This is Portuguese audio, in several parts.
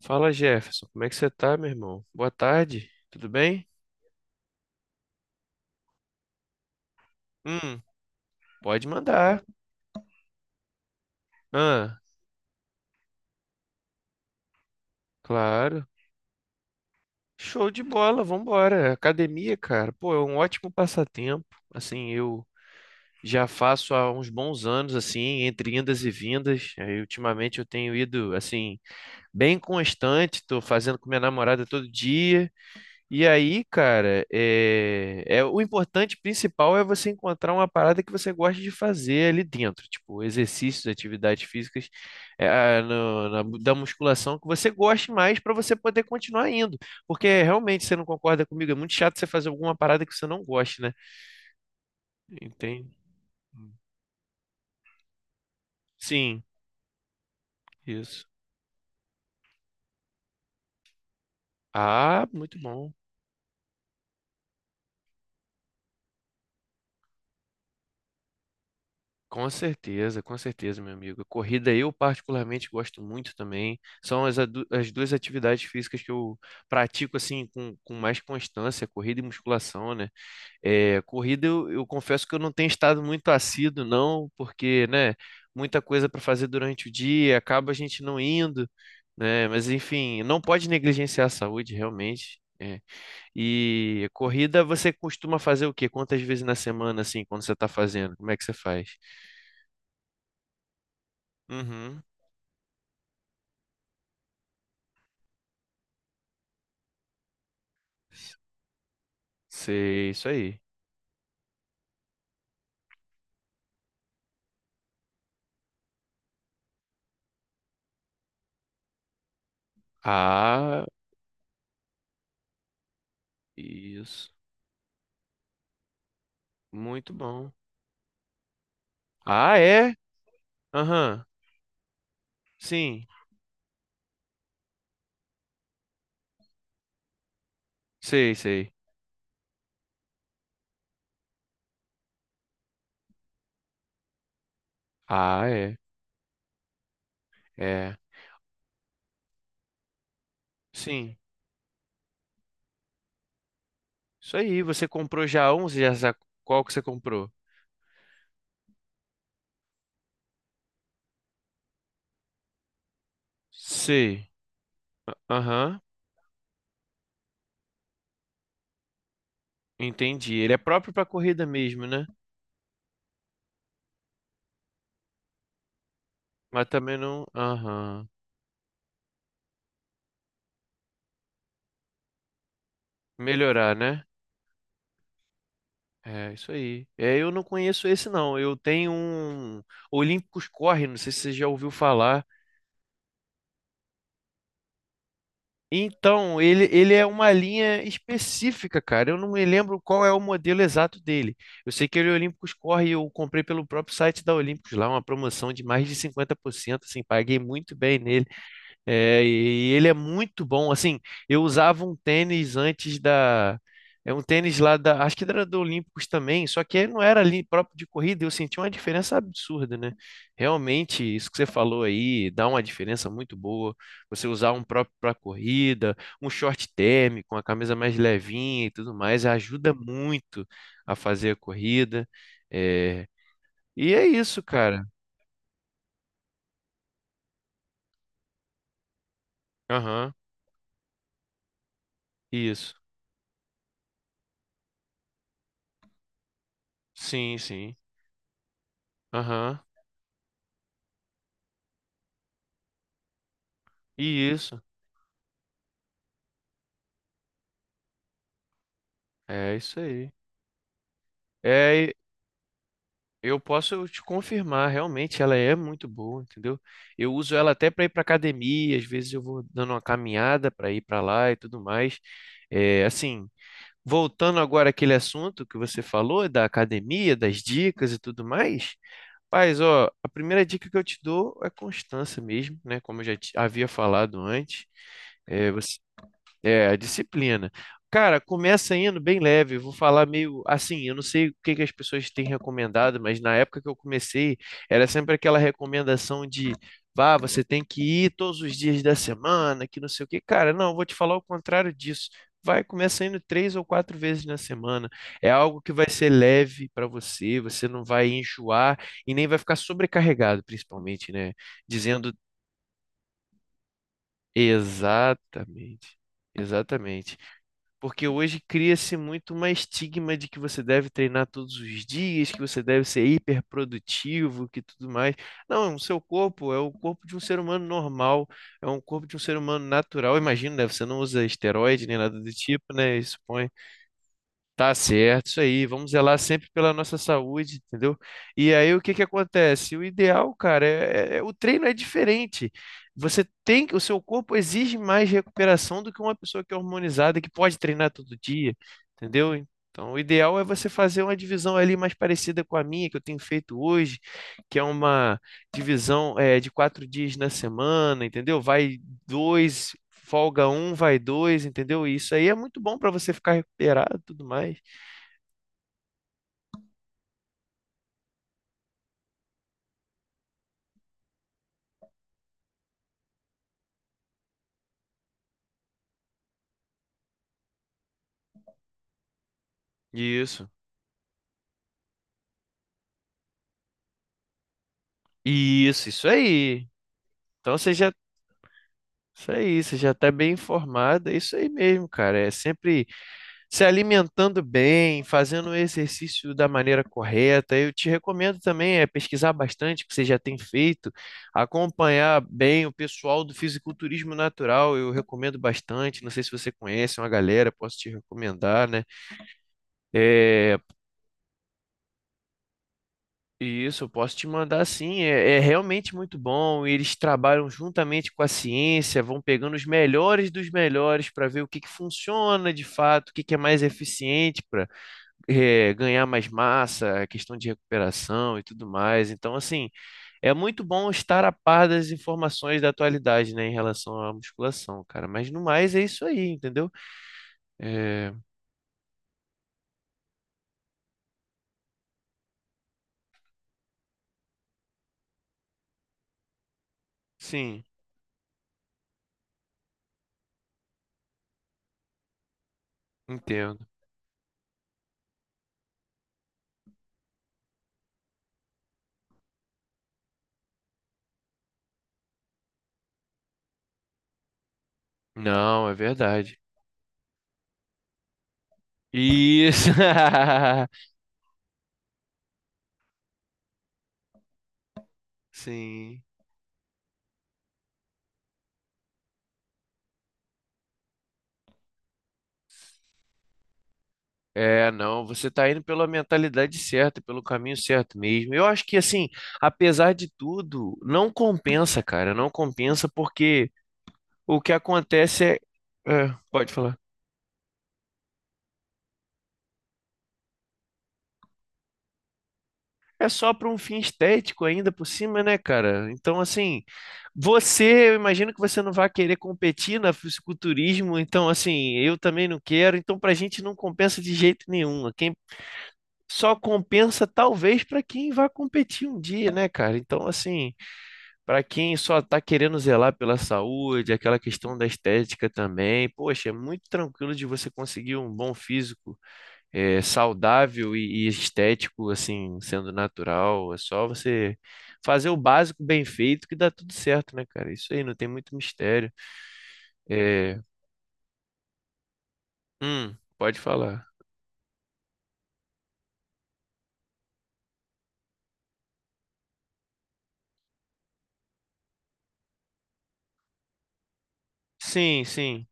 Fala, Jefferson, como é que você tá, meu irmão? Boa tarde, tudo bem? Hum, pode mandar. Ah, claro. Show de bola, vambora. Academia, cara, pô, é um ótimo passatempo. Assim, eu já faço há uns bons anos, assim, entre indas e vindas. Aí, ultimamente eu tenho ido, assim, bem constante, tô fazendo com minha namorada todo dia. E aí, cara, é o importante principal é você encontrar uma parada que você gosta de fazer ali dentro, tipo exercícios, atividades físicas, da musculação que você goste mais para você poder continuar indo, porque realmente você não concorda comigo, é muito chato você fazer alguma parada que você não goste, né? Entende? Sim, isso. Ah, muito bom. Com certeza, meu amigo. Corrida eu particularmente gosto muito também. São as duas atividades físicas que eu pratico assim com mais constância, corrida e musculação, né? É, corrida eu confesso que eu não tenho estado muito assíduo, não, porque, né, muita coisa para fazer durante o dia, acaba a gente não indo, né? Mas enfim, não pode negligenciar a saúde, realmente. É. E corrida você costuma fazer o quê? Quantas vezes na semana, assim, quando você está fazendo? Como é que você faz? Uhum. Sei, isso aí. Ah, isso. Muito bom. Ah, é? Aham. Sim. Sei, sei. Ah, é. É. Sim. Isso aí. Você comprou já um? Você já sabe qual que você comprou? Sei. Aham. Entendi. Ele é próprio para corrida mesmo, né? Mas também não. Aham. Melhorar, né? É, isso aí. É, eu não conheço esse, não. Eu tenho um Olímpicos Corre, não sei se você já ouviu falar. Então, ele é uma linha específica, cara. Eu não me lembro qual é o modelo exato dele. Eu sei que ele é Olympus Core e eu comprei pelo próprio site da Olympus lá, uma promoção de mais de 50%. Assim, paguei muito bem nele. É, e ele é muito bom. Assim, eu usava um tênis antes da. É um tênis lá da. Acho que era do Olímpicos também, só que ele não era ali próprio de corrida. Eu senti uma diferença absurda, né? Realmente, isso que você falou aí dá uma diferença muito boa. Você usar um próprio para corrida, um short térmico, uma camisa mais levinha e tudo mais, ajuda muito a fazer a corrida. É, e é isso, cara. Aham, isso. Sim, sim. Aham, e isso. É isso aí. É, e eu posso te confirmar, realmente ela é muito boa, entendeu? Eu uso ela até para ir para academia, às vezes eu vou dando uma caminhada para ir para lá e tudo mais. É, assim, voltando agora àquele assunto que você falou da academia, das dicas e tudo mais. Paz, ó, a primeira dica que eu te dou é constância mesmo, né? Como eu já havia falado antes. É, a disciplina. Cara, começa indo bem leve, eu vou falar meio assim, eu não sei o que que as pessoas têm recomendado, mas na época que eu comecei, era sempre aquela recomendação de, vá, você tem que ir todos os dias da semana, que não sei o que. Cara, não, eu vou te falar o contrário disso. Vai, começa indo 3 ou 4 vezes na semana. É algo que vai ser leve para você, você não vai enjoar e nem vai ficar sobrecarregado, principalmente, né? Dizendo Exatamente. Exatamente. Porque hoje cria-se muito uma estigma de que você deve treinar todos os dias, que você deve ser hiperprodutivo, que tudo mais. Não, o seu corpo é o corpo de um ser humano normal, é um corpo de um ser humano natural. Imagino, né? Você não usa esteroide nem nada do tipo, né? Isso. Tá certo, isso aí. Vamos zelar sempre pela nossa saúde, entendeu? E aí o que que acontece? O ideal, cara, o treino é diferente. Você tem que, o seu corpo exige mais recuperação do que uma pessoa que é hormonizada que pode treinar todo dia, entendeu? Então, o ideal é você fazer uma divisão ali mais parecida com a minha que eu tenho feito hoje, que é uma divisão é, de 4 dias na semana, entendeu? Vai dois, folga um, vai dois, entendeu? E isso aí é muito bom para você ficar recuperado, e tudo mais. Isso. Isso aí. Então você já, isso aí, você já tá bem informado, é isso aí mesmo, cara. É sempre se alimentando bem, fazendo o exercício da maneira correta. Eu te recomendo também é pesquisar bastante o que você já tem feito, acompanhar bem o pessoal do fisiculturismo natural. Eu recomendo bastante. Não sei se você conhece é uma galera, posso te recomendar, né? É, isso, eu posso te mandar sim. É, é realmente muito bom. E eles trabalham juntamente com a ciência, vão pegando os melhores dos melhores para ver o que que funciona de fato, o que que é mais eficiente para ganhar mais massa, a questão de recuperação e tudo mais. Então, assim, é muito bom estar a par das informações da atualidade, né, em relação à musculação, cara. Mas no mais é isso aí, entendeu? É, sim, entendo. Não, é verdade. Isso. Sim. É, não, você está indo pela mentalidade certa, pelo caminho certo mesmo. Eu acho que, assim, apesar de tudo, não compensa, cara, não compensa porque o que acontece é. É, pode falar. É só para um fim estético ainda por cima, né, cara? Então, assim, você, eu imagino que você não vai querer competir na fisiculturismo, então, assim, eu também não quero, então, pra gente não compensa de jeito nenhum. Quem só compensa, talvez, para quem vai competir um dia, né, cara? Então, assim. Para quem só está querendo zelar pela saúde, aquela questão da estética também, poxa, é muito tranquilo de você conseguir um bom físico, eh, saudável e estético, assim, sendo natural. É só você fazer o básico bem feito que dá tudo certo, né, cara? Isso aí, não tem muito mistério. É... pode falar. Sim, sim,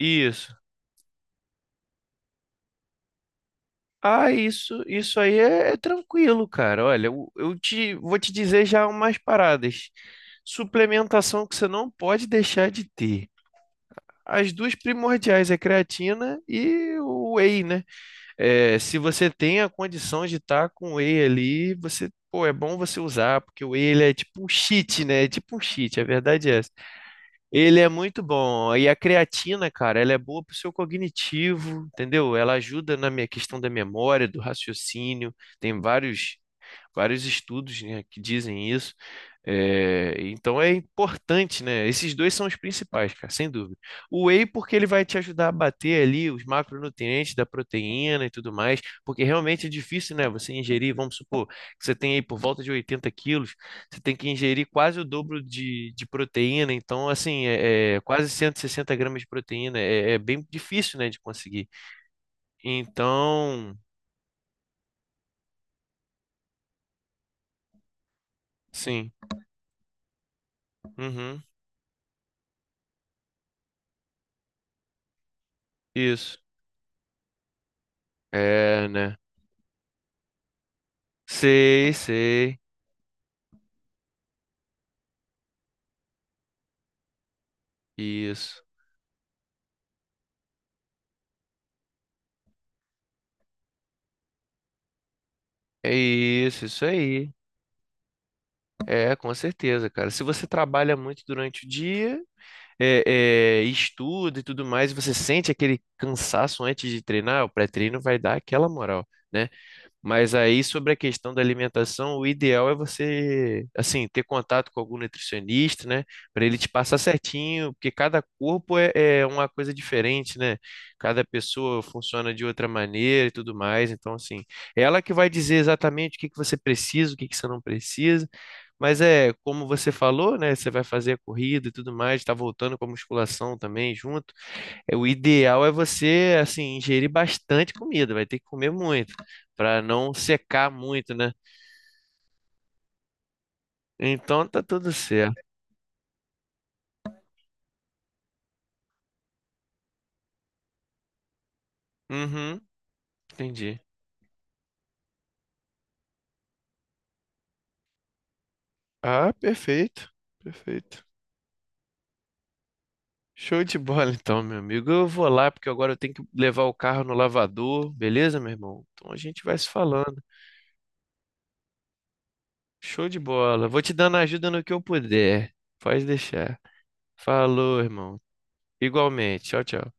isso. Ah, isso aí é tranquilo, cara. Olha, eu te vou te dizer já umas paradas. Suplementação que você não pode deixar de ter. As duas primordiais é creatina e o whey, né? É, se você tem a condição de estar com o whey ali, você, pô, é bom você usar, porque o whey ele é tipo um cheat, né? É tipo um cheat, a verdade é essa. Ele é muito bom. E a creatina, cara, ela é boa pro seu cognitivo, entendeu? Ela ajuda na minha questão da memória, do raciocínio. Tem vários estudos, né, que dizem isso. É, então é importante, né? Esses dois são os principais, cara, sem dúvida. O whey, porque ele vai te ajudar a bater ali os macronutrientes da proteína e tudo mais, porque realmente é difícil, né? Você ingerir, vamos supor, que você tem aí por volta de 80 kg, você tem que ingerir quase o dobro de proteína, então, assim, é, é quase 160 g de proteína, é bem difícil, né, de conseguir. Então, sim, uhum, isso, é, né? Sei, sei. Isso. É isso, isso aí. É, com certeza, cara. Se você trabalha muito durante o dia, estuda e tudo mais, e você sente aquele cansaço antes de treinar, o pré-treino vai dar aquela moral, né? Mas aí, sobre a questão da alimentação, o ideal é você, assim, ter contato com algum nutricionista, né? Para ele te passar certinho, porque cada corpo é uma coisa diferente, né? Cada pessoa funciona de outra maneira e tudo mais. Então, assim, é ela que vai dizer exatamente o que que você precisa, o que que você não precisa. Mas é, como você falou, né? Você vai fazer a corrida e tudo mais, tá voltando com a musculação também junto é, o ideal é você, assim, ingerir bastante comida, vai ter que comer muito, para não secar muito, né? Então tá tudo certo. Uhum, entendi. Ah, perfeito, perfeito. Show de bola, então, meu amigo. Eu vou lá, porque agora eu tenho que levar o carro no lavador, beleza, meu irmão? Então a gente vai se falando. Show de bola. Vou te dando ajuda no que eu puder. Pode deixar. Falou, irmão. Igualmente. Tchau, tchau.